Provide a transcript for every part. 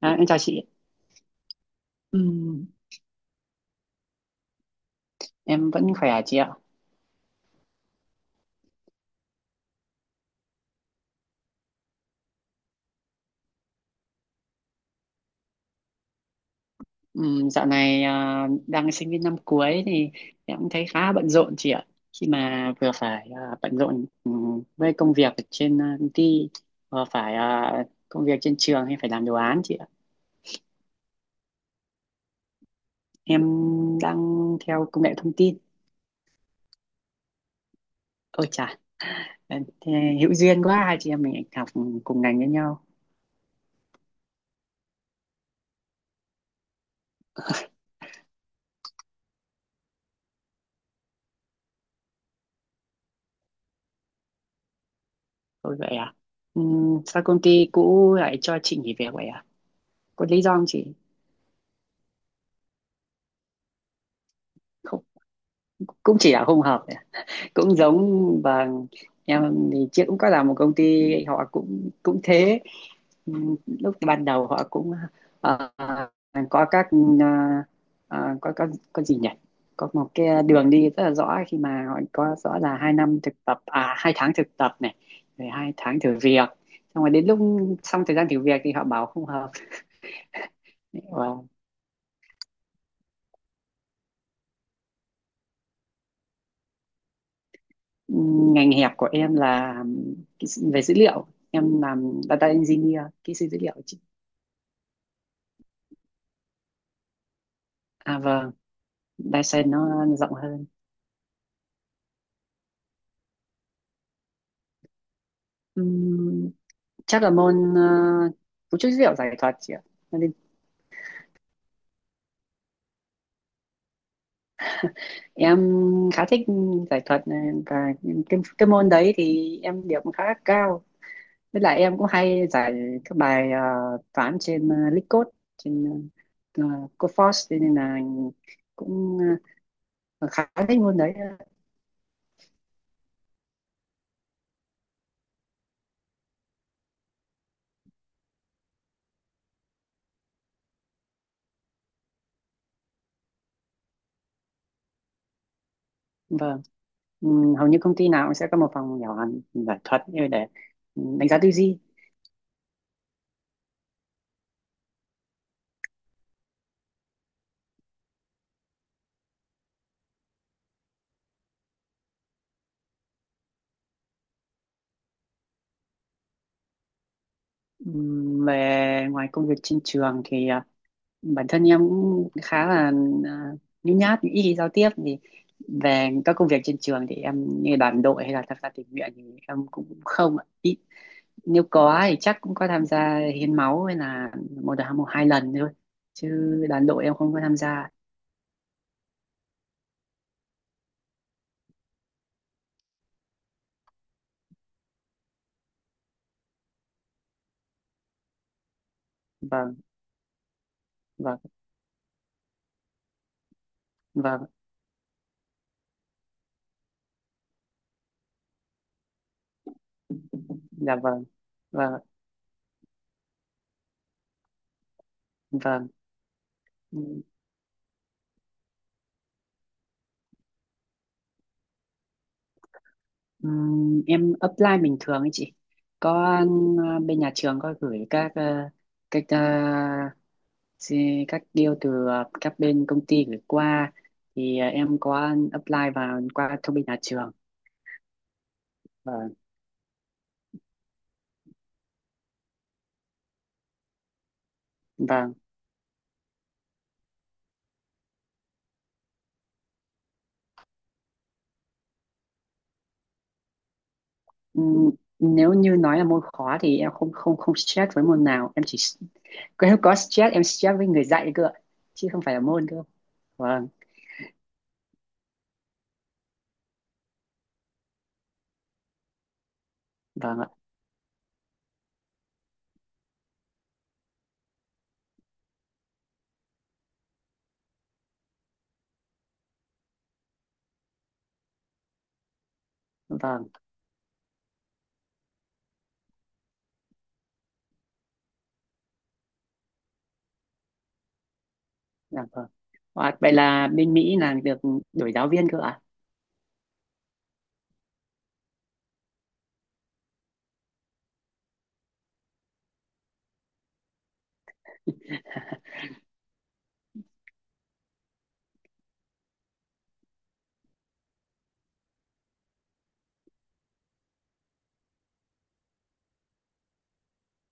À, em chào chị. Ừm, em vẫn khỏe à chị ạ. Dạo này đang sinh viên năm cuối thì em cũng thấy khá bận rộn chị ạ. Khi mà vừa phải bận rộn với công việc ở trên công ty, vừa phải công việc trên trường hay phải làm đồ án chị ạ. Em đang theo công nghệ thông tin. Ôi chà, thế hữu duyên quá, hai chị em mình học cùng ngành với nhau. Thôi vậy à. Sao công ty cũ lại cho chị nghỉ việc vậy à? Có lý do không chị? Không, cũng chỉ là không hợp, cũng giống và em thì trước cũng có làm một công ty họ cũng cũng thế. Ừ, lúc ban đầu họ cũng ờ, có các ờ, ờ, có có có gì nhỉ, có một cái đường đi rất là rõ, khi mà họ có rõ là 2 năm thực tập à 2 tháng thực tập này, rồi 2 tháng thử việc, xong rồi đến lúc xong thời gian thử việc thì họ bảo không hợp. Và ừ, ngành hẹp của em là về dữ liệu, em làm data engineer, kỹ sư dữ liệu chị. À vâng. Dyson nó rộng hơn. Ừm, Chắc là môn cấu trúc dữ liệu giải thuật chị ạ. Cho nên em khá thích giải thuật này, và cái môn đấy thì em điểm khá cao, với lại em cũng hay giải các bài toán trên LeetCode, trên ờ, Codeforce, cho nên là cũng ờ, khá thích môn đấy. Vâng. Hầu như công ty nào cũng sẽ có một phòng nhỏ giải thuật như để đánh giá tư duy. Về ngoài công việc trên trường thì bản thân em cũng khá là à, nhút nhát, ít khi giao tiếp, thì về các công việc trên trường thì em như đoàn đội hay là tham gia tình nguyện thì em cũng không ạ. Ít, nếu có thì chắc cũng có tham gia hiến máu hay là một đợt một hai lần thôi, chứ đoàn đội em không có tham gia. Vâng. Vâng. Vâng. Dạ vâng. Vâng. Vâng. Em apply bình thường ấy chị. Có bên nhà trường có gửi các ờ, các deal từ các bên công ty gửi qua, thì em có apply vào qua thông bên nhà trường. Và và ừm, nếu như nói là môn khó thì em không không không stress với môn nào, em chỉ nếu có stress em stress với người dạy cơ ạ, chứ không phải là môn cơ. Vâng. Vâng ạ. Vâng. Dạ vâng. Wow, vậy là bên Mỹ là được đổi giáo viên cơ ạ.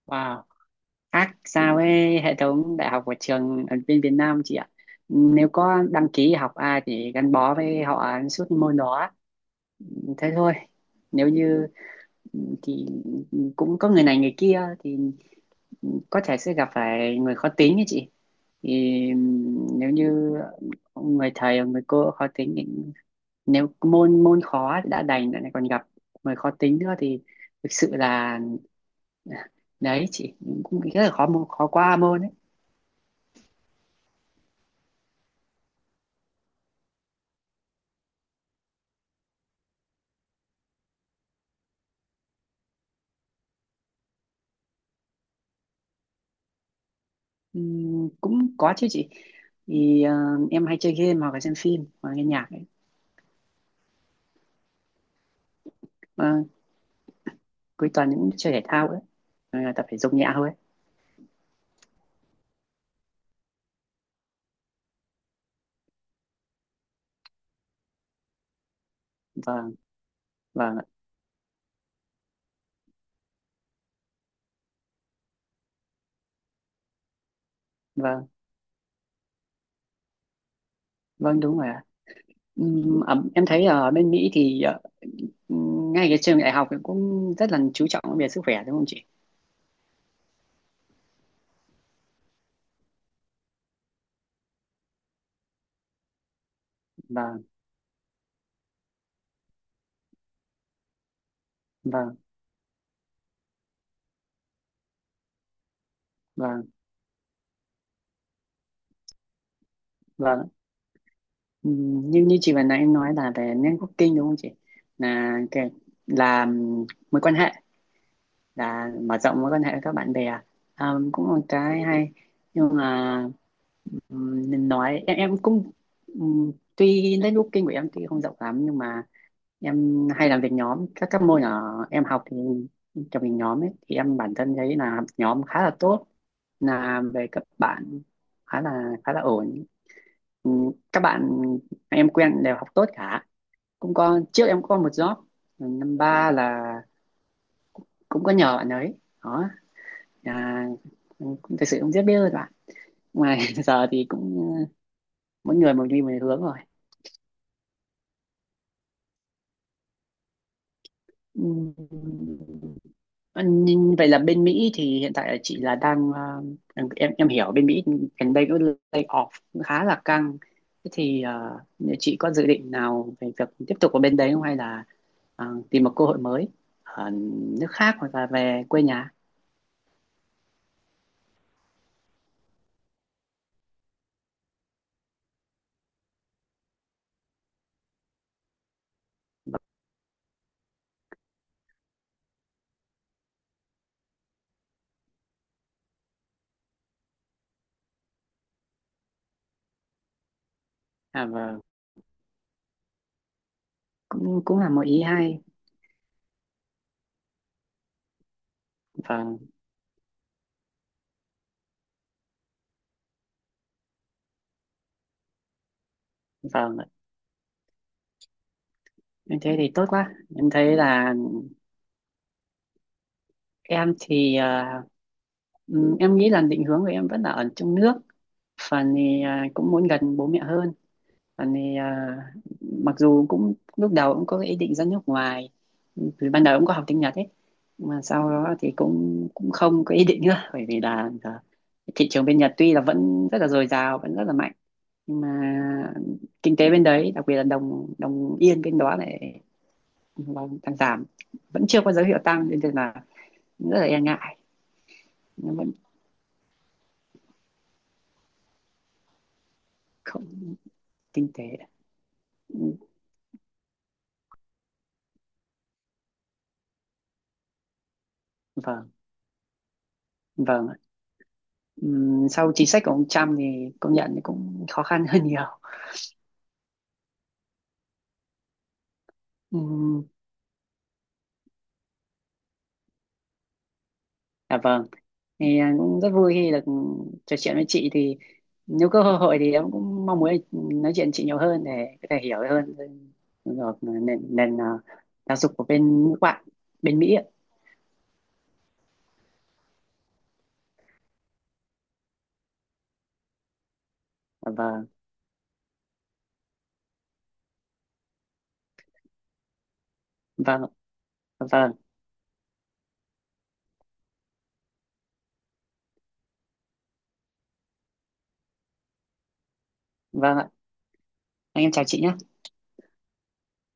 Wow, ác sao với hệ thống đại học của trường ở bên Việt Nam chị ạ, nếu có đăng ký học ai thì gắn bó với họ suốt môn đó, thế thôi. Nếu như thì cũng có người này người kia thì có thể sẽ gặp phải người khó tính ấy chị, thì nếu như người thầy hoặc người cô khó tính thì nếu môn môn khó đã đành lại còn gặp người khó tính nữa thì thực sự là ừ, đấy chị, cũng rất là khó khó qua môn ấy. Cũng có chứ chị, thì em hay chơi game hoặc là xem phim hoặc là nghe nhạc ấy. Ờ, Cuối tuần những chơi thể thao ấy, tập thể dục nhẹ thôi ấy. Vâng. Vâng ạ. Vâng. Vâng đúng rồi ạ. Em thấy ở bên Mỹ thì ngay cái trường đại học ấy cũng rất là chú trọng về sức khỏe, đúng không chị? Vâng. Vâng. Vâng. Vâng. Như như chị vừa nãy em nói là về networking đúng không chị, là cái, là mối quan hệ, là mở rộng mối quan hệ với các bạn bè. À, cũng là một cái hay, nhưng mà nên nói em cũng tuy networking của em tuy không rộng lắm, nhưng mà em hay làm việc nhóm các môn ở em học thì trong việc nhóm ấy thì em bản thân thấy là nhóm khá là tốt, là về các bạn khá là ổn. Các bạn em quen đều học tốt cả, cũng có trước em có một job năm ba là cũng có nhờ bạn ấy đó. À, cũng thực sự không rất biết rồi bạn mà giờ thì cũng mỗi người một đi một hướng rồi. Ừm, nhưng vậy là bên Mỹ thì hiện tại là chị là đang em hiểu bên Mỹ gần đây có lay off khá là căng, thế thì nếu chị có dự định nào về việc tiếp tục ở bên đấy không, hay là tìm một cơ hội mới ở nước khác hoặc là về quê nhà. À, vâng, cũng cũng là một ý hay. Vâng. Vâng ạ. Em thế thì tốt quá, em thấy là em thì em nghĩ là định hướng của em vẫn là ở trong nước, phần thì cũng muốn gần bố mẹ hơn, phần thì mặc dù cũng lúc đầu cũng có ý định ra nước ngoài, từ ban đầu cũng có học tiếng Nhật ấy, mà sau đó thì cũng cũng không có ý định nữa bởi vì là giờ thị trường bên Nhật tuy là vẫn rất là dồi dào, vẫn rất là mạnh, nhưng mà kinh tế bên đấy đặc biệt là đồng đồng yên bên đó lại đang đang giảm, vẫn chưa có dấu hiệu tăng nên là rất là e ngại, nhưng vẫn không. Kinh tế. Ừ. Vâng. Vâng, ạ. Sau chính sách của ông Trump thì công nhận cũng khó khăn hơn nhiều. Ừm, À vâng, thì cũng rất vui khi được trò chuyện với chị, thì nếu có cơ hội thì em cũng mong muốn nói chuyện chị nhiều hơn để có thể hiểu hơn về nền nền giáo dục của bên nước bạn, bên Mỹ ạ. À, vâng. Vâng. Vâng. Vâng ạ. Anh em chào chị nhé.